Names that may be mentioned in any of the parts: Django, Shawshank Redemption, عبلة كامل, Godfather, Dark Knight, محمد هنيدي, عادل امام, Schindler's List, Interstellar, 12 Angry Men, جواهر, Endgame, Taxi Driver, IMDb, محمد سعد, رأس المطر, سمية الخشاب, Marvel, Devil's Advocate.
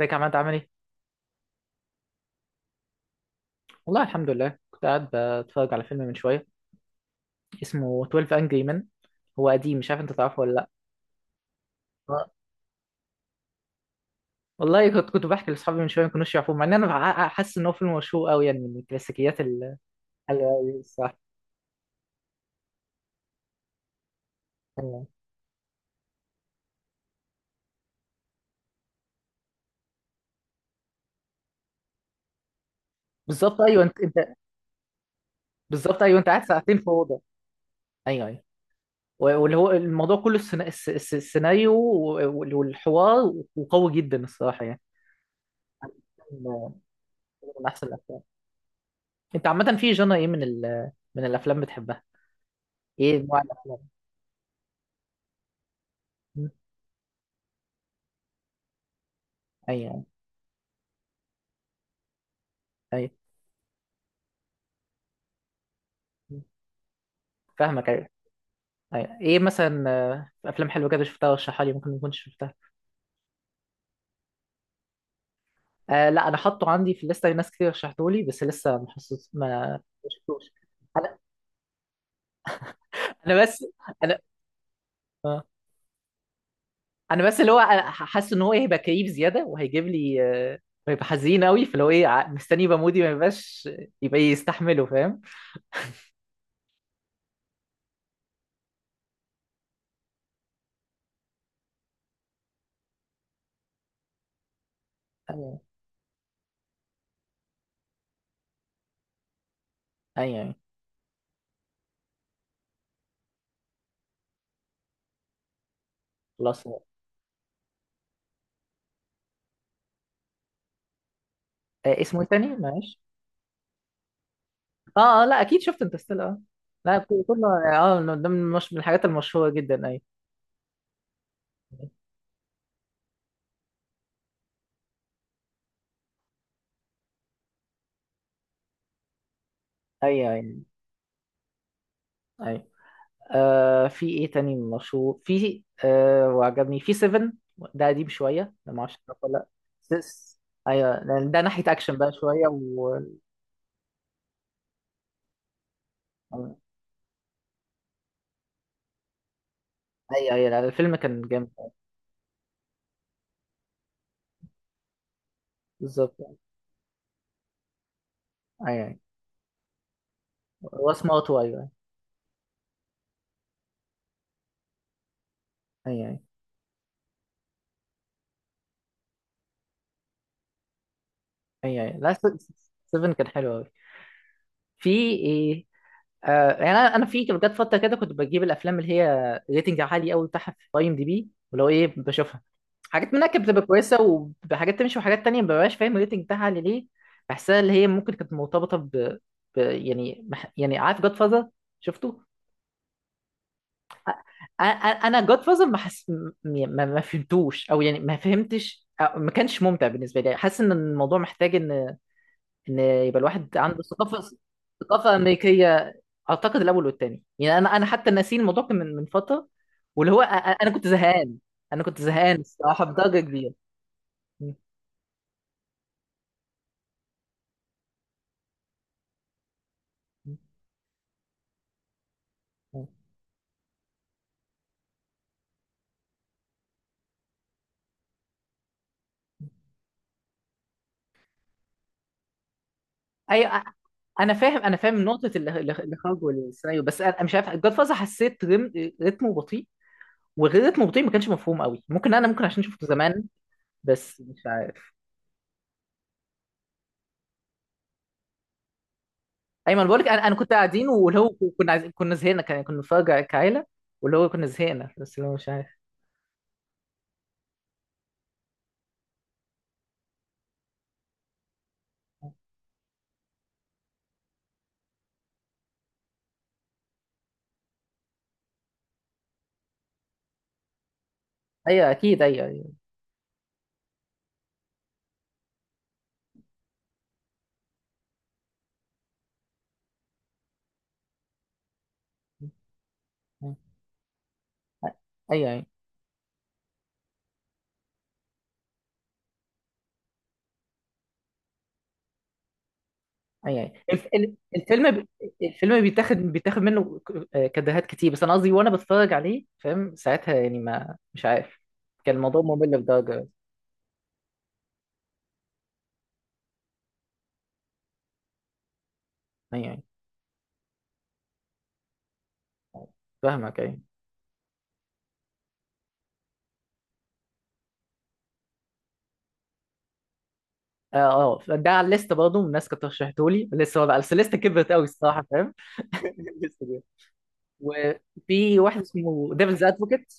ازيك يا عماد، عامل ايه؟ والله الحمد لله، كنت قاعد بتفرج على فيلم من شوية اسمه 12 Angry Men. هو قديم، مش عارف انت تعرفه ولا لا. آه. والله كنت بحكي لاصحابي من شوية، ما كانوش يعرفوه، مع ان انا حاسس ان هو فيلم مشهور قوي، يعني من الكلاسيكيات. حلوة قوي الصراحة. أيوة. بالظبط، ايوه انت. بالظبط، ايوه انت قاعد ساعتين في اوضة. ايوه ايوه. واللي هو الموضوع كله، السيناريو والحوار، وقوي جدا الصراحة يعني. فيلم من احسن الافلام. انت عامة في جنرا ايه من الافلام بتحبها؟ ايه نوع الافلام؟ اي. فاهمك، ايوه. ايوه، ايه مثلا، افلام حلوه كده شفتها ورشحها لي، ممكن ما اكونش شفتها. آه، لا، انا حاطه عندي في الليسته، ناس كتير رشحته لي، بس لسه ما حسيت، ما شفتوش. انا انا بس انا آه. انا بس اللي هو، أنا حاسس ان هو هيبقى كئيب زياده وهيجيب لي، آه، هيبقى حزين قوي، فاللي هو ايه، مستني يبقى مودي، ما يبقاش يبقى يستحمله، فاهم. ايوه ايوه أيوة. خلاص. آه، اسمه ايه تاني معلش؟ اه اه، لا اكيد شفت انترستيلر، اه. لا، كله اه، من الحاجات المشهوره جدا، ايوه. اي اي اي. آه، في ايه تاني مشهور، في آه، وعجبني في 7، ده قديم شويه ده، ما اعرفش تعرفه ولا لا. 6. ايوه، لأن ده ناحيه اكشن بقى شويه و... اي اي، لا الفيلم كان جامد. بالظبط. اي اي. واسمه اوتو، ايوه. اي اي اي اي. لا، 7 كان حلو قوي. في ايه؟ آه، يعني انا في جت فتره كده كنت بجيب الافلام اللي هي ريتنج عالي قوي بتاعها في IMDB، ولو ايه بشوفها. حاجات منها كانت بتبقى كويسه، وحاجات تمشي، وحاجات تانية ما ببقاش فاهم الريتنج بتاعها عالي ليه. بحسها اللي هي ممكن كانت مرتبطه يعني، عارف جاد فازر؟ شفته؟ انا جاد فازر، ما, حس... م- ما فهمتوش، او يعني ما فهمتش، أو ما كانش ممتع بالنسبه لي، حاسس ان الموضوع محتاج ان يبقى الواحد عنده ثقافه، ثقافه امريكيه. اعتقد الاول والتاني، يعني انا حتى ناسين الموضوع، كان من فتره. واللي هو، انا كنت زهقان. انا كنت زهقان الصراحه بدرجه كبيره. م- م- م. ايوه. انا فاهم، انا فاهم نقطه الاخراج والسيناريو، بس أنا مش عارف جاد فازر، حسيت رتمه بطيء. وغير رتمه بطيء، ما كانش مفهوم قوي، ممكن ممكن عشان شفته زمان، بس مش عارف. ايمن، بقول لك انا كنت قاعدين، واللي هو كنا عايزين، كنا زهقنا، كنا بنتفرج كعيله، واللي هو كنا زهقنا، بس اللي هو مش عارف. ايوه، اكيد، ايوه ايوه. ايوه ايوه ايوه الفيلم الفيلم بيتاخد منه كدهات كتير، بس انا قصدي وانا بتفرج عليه فاهم، ساعتها يعني ما مش عارف، كان الموضوع ممل لدرجه. ايوه أيوة. فاهمك، ايوه. اه اه، ده على الليست برضه، الناس كانت رشحته لي لسه بقى، بس الليست كبرت قوي الصراحه، فاهم؟ الليستة دي. وفي واحد اسمه ديفلز ادفوكيت،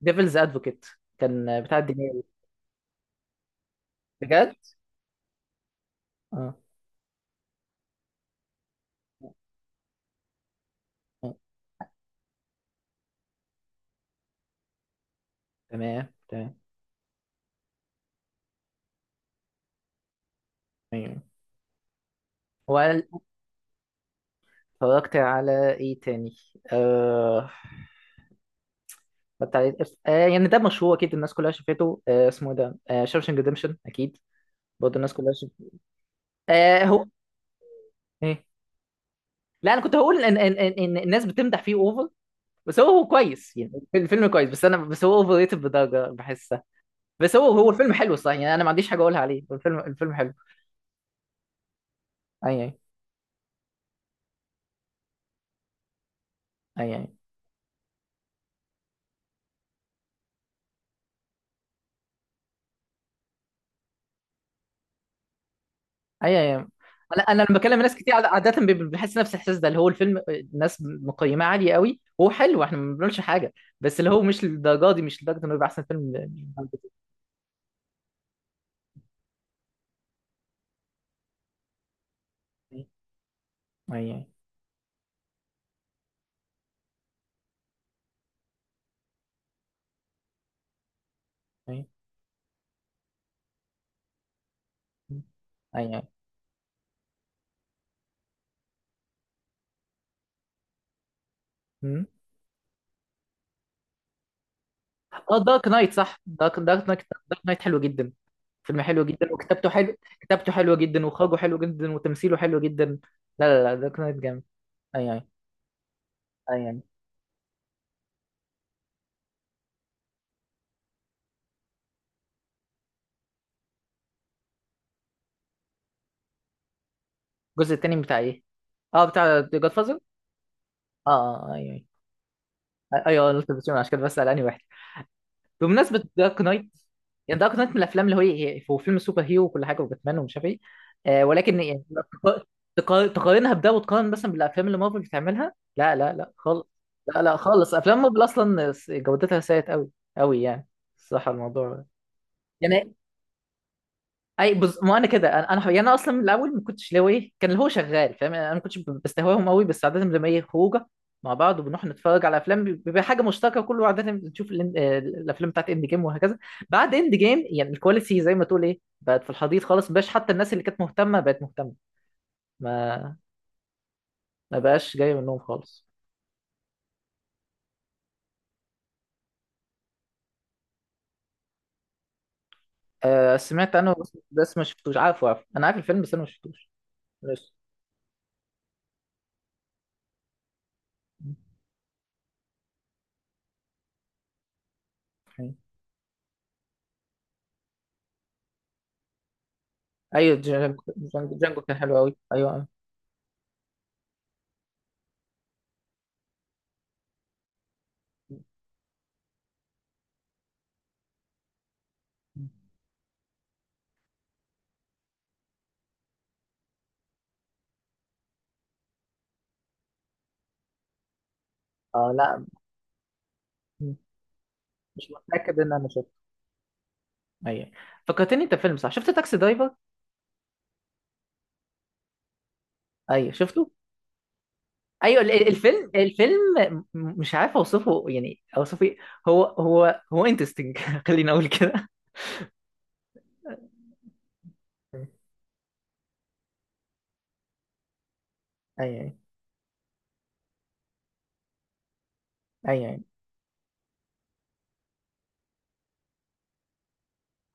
ديفلز ادفوكيت كان بتاع الدنيا. بجد. اه. آه. تمام تمام. ايوه. وقال، اتفرجت على ايه تاني؟ آه... اتفرجت على إيه؟ يعني ده مشهور، اكيد الناس كلها شافته، اسمه إيه ده، شاوشنج ريدمشن، اكيد برضه الناس كلها شافته. هو ايه، لا انا كنت هقول ان إن الناس بتمدح فيه اوفر، بس هو كويس، يعني الفيلم كويس، بس انا، بس هو اوفر ريتد بدرجه بحسها. بس هو الفيلم حلو صح، يعني انا ما عنديش حاجه اقولها عليه، الفيلم حلو. اي اي اي اي. ايوه ايوه. انا لما بكلم ناس كتير عاده بيبقى بحس نفس الاحساس ده، اللي هو الفيلم الناس مقيماه عاليه قوي، هو حلو، احنا ما بنقولش حاجه، بس اللي هو مش للدرجه دي، مش لدرجه انه يبقى احسن فيلم للدرجة دي. ايوه ايوه ايوه أمم. اه، دارك نايت صح، دارك نايت. دارك نايت حلو جدا، فيلم حلو جدا، وكتابته حلو، كتابته حلوه جدا، واخراجه حلو جدا، وتمثيله حلو جدا. لا لا لا، دارك نايت جامد. ايوه ايوه ايوه. الجزء التاني بتاع ايه؟ اه، بتاع جاد فازر. اه. اه ايوه. ايوه ايوه، قلت بس عشان كده بسأل انهي واحد. بمناسبة دارك نايت، يعني دارك نايت من الأفلام اللي هو هو فيلم سوبر هيرو وكل حاجة، وباتمان، ومش عارف إيه. آه، ولكن يعني تق- تقارنها بده، وتقارن مثلا بالأفلام اللي مارفل بتعملها، لا لا لا خالص. لا لا خالص، أفلام مارفل أصلا جودتها سيئة أوي أوي يعني. الصراحة الموضوع يعني، ما انا كده، انا حقيقة انا اصلا من الاول، ما كنتش اللي هو ايه، كان اللي هو شغال فاهم يعني، انا ما كنتش بستهواهم قوي، بس عاده لما ايه، خروجه مع بعض، وبنروح نتفرج على افلام، بيبقى حاجه مشتركه، كله عاده بنشوف الافلام بتاعت اند جيم، وهكذا. بعد اند جيم، يعني الكواليتي زي ما تقول ايه، بقت في الحضيض خالص، مبقاش حتى الناس اللي كانت مهتمه بقت مهتمه، ما ما بقاش جاي منهم خالص. آه، سمعت عنه، بس ما شفتوش، عارفه، انا عارف الفيلم بس انا ما شفتوش. بس ايوه، جانجو جانجو كان حلو قوي، ايوه أيوة. اه لا، مش متاكد ان انا شفته. ايوه، فكرتني انت، فيلم صح، شفت تاكسي درايفر؟ ايوه شفته. ايوه الفيلم، مش عارف اوصفه، يعني اوصفه إيه. هو انترستنج، خليني اقول كده. ايوه ايوه ايوه.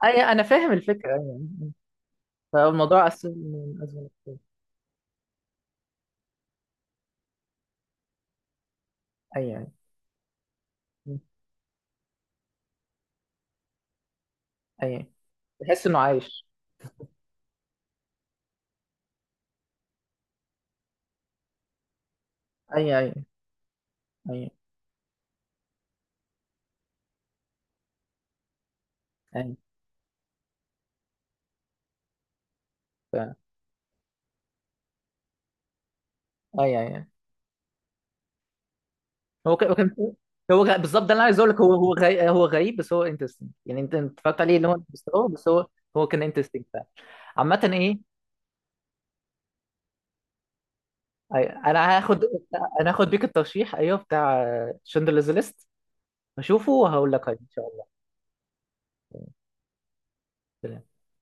ايوه، انا فاهم الفكره، ايوه. فالموضوع اسهل من ازمه. ايوه ايوه، تحس انه عايش. ايوه ايوه ايوه ايوه ف- ايوه ايوه. هو كان، بالظبط، ده اللي أنا عايز اقول لك، هو هو غريب، غريب بس هو انترستنج، يعني أنت اتفرجت عليه اللي هو، بس هو، هو كان انترستنج فعلا. عامة ايه، أي- انا هاخد انا هاخد بيك الترشيح، ايوه، بتاع شندلرز ليست، هشوفه وهقول لك عليه ان شاء الله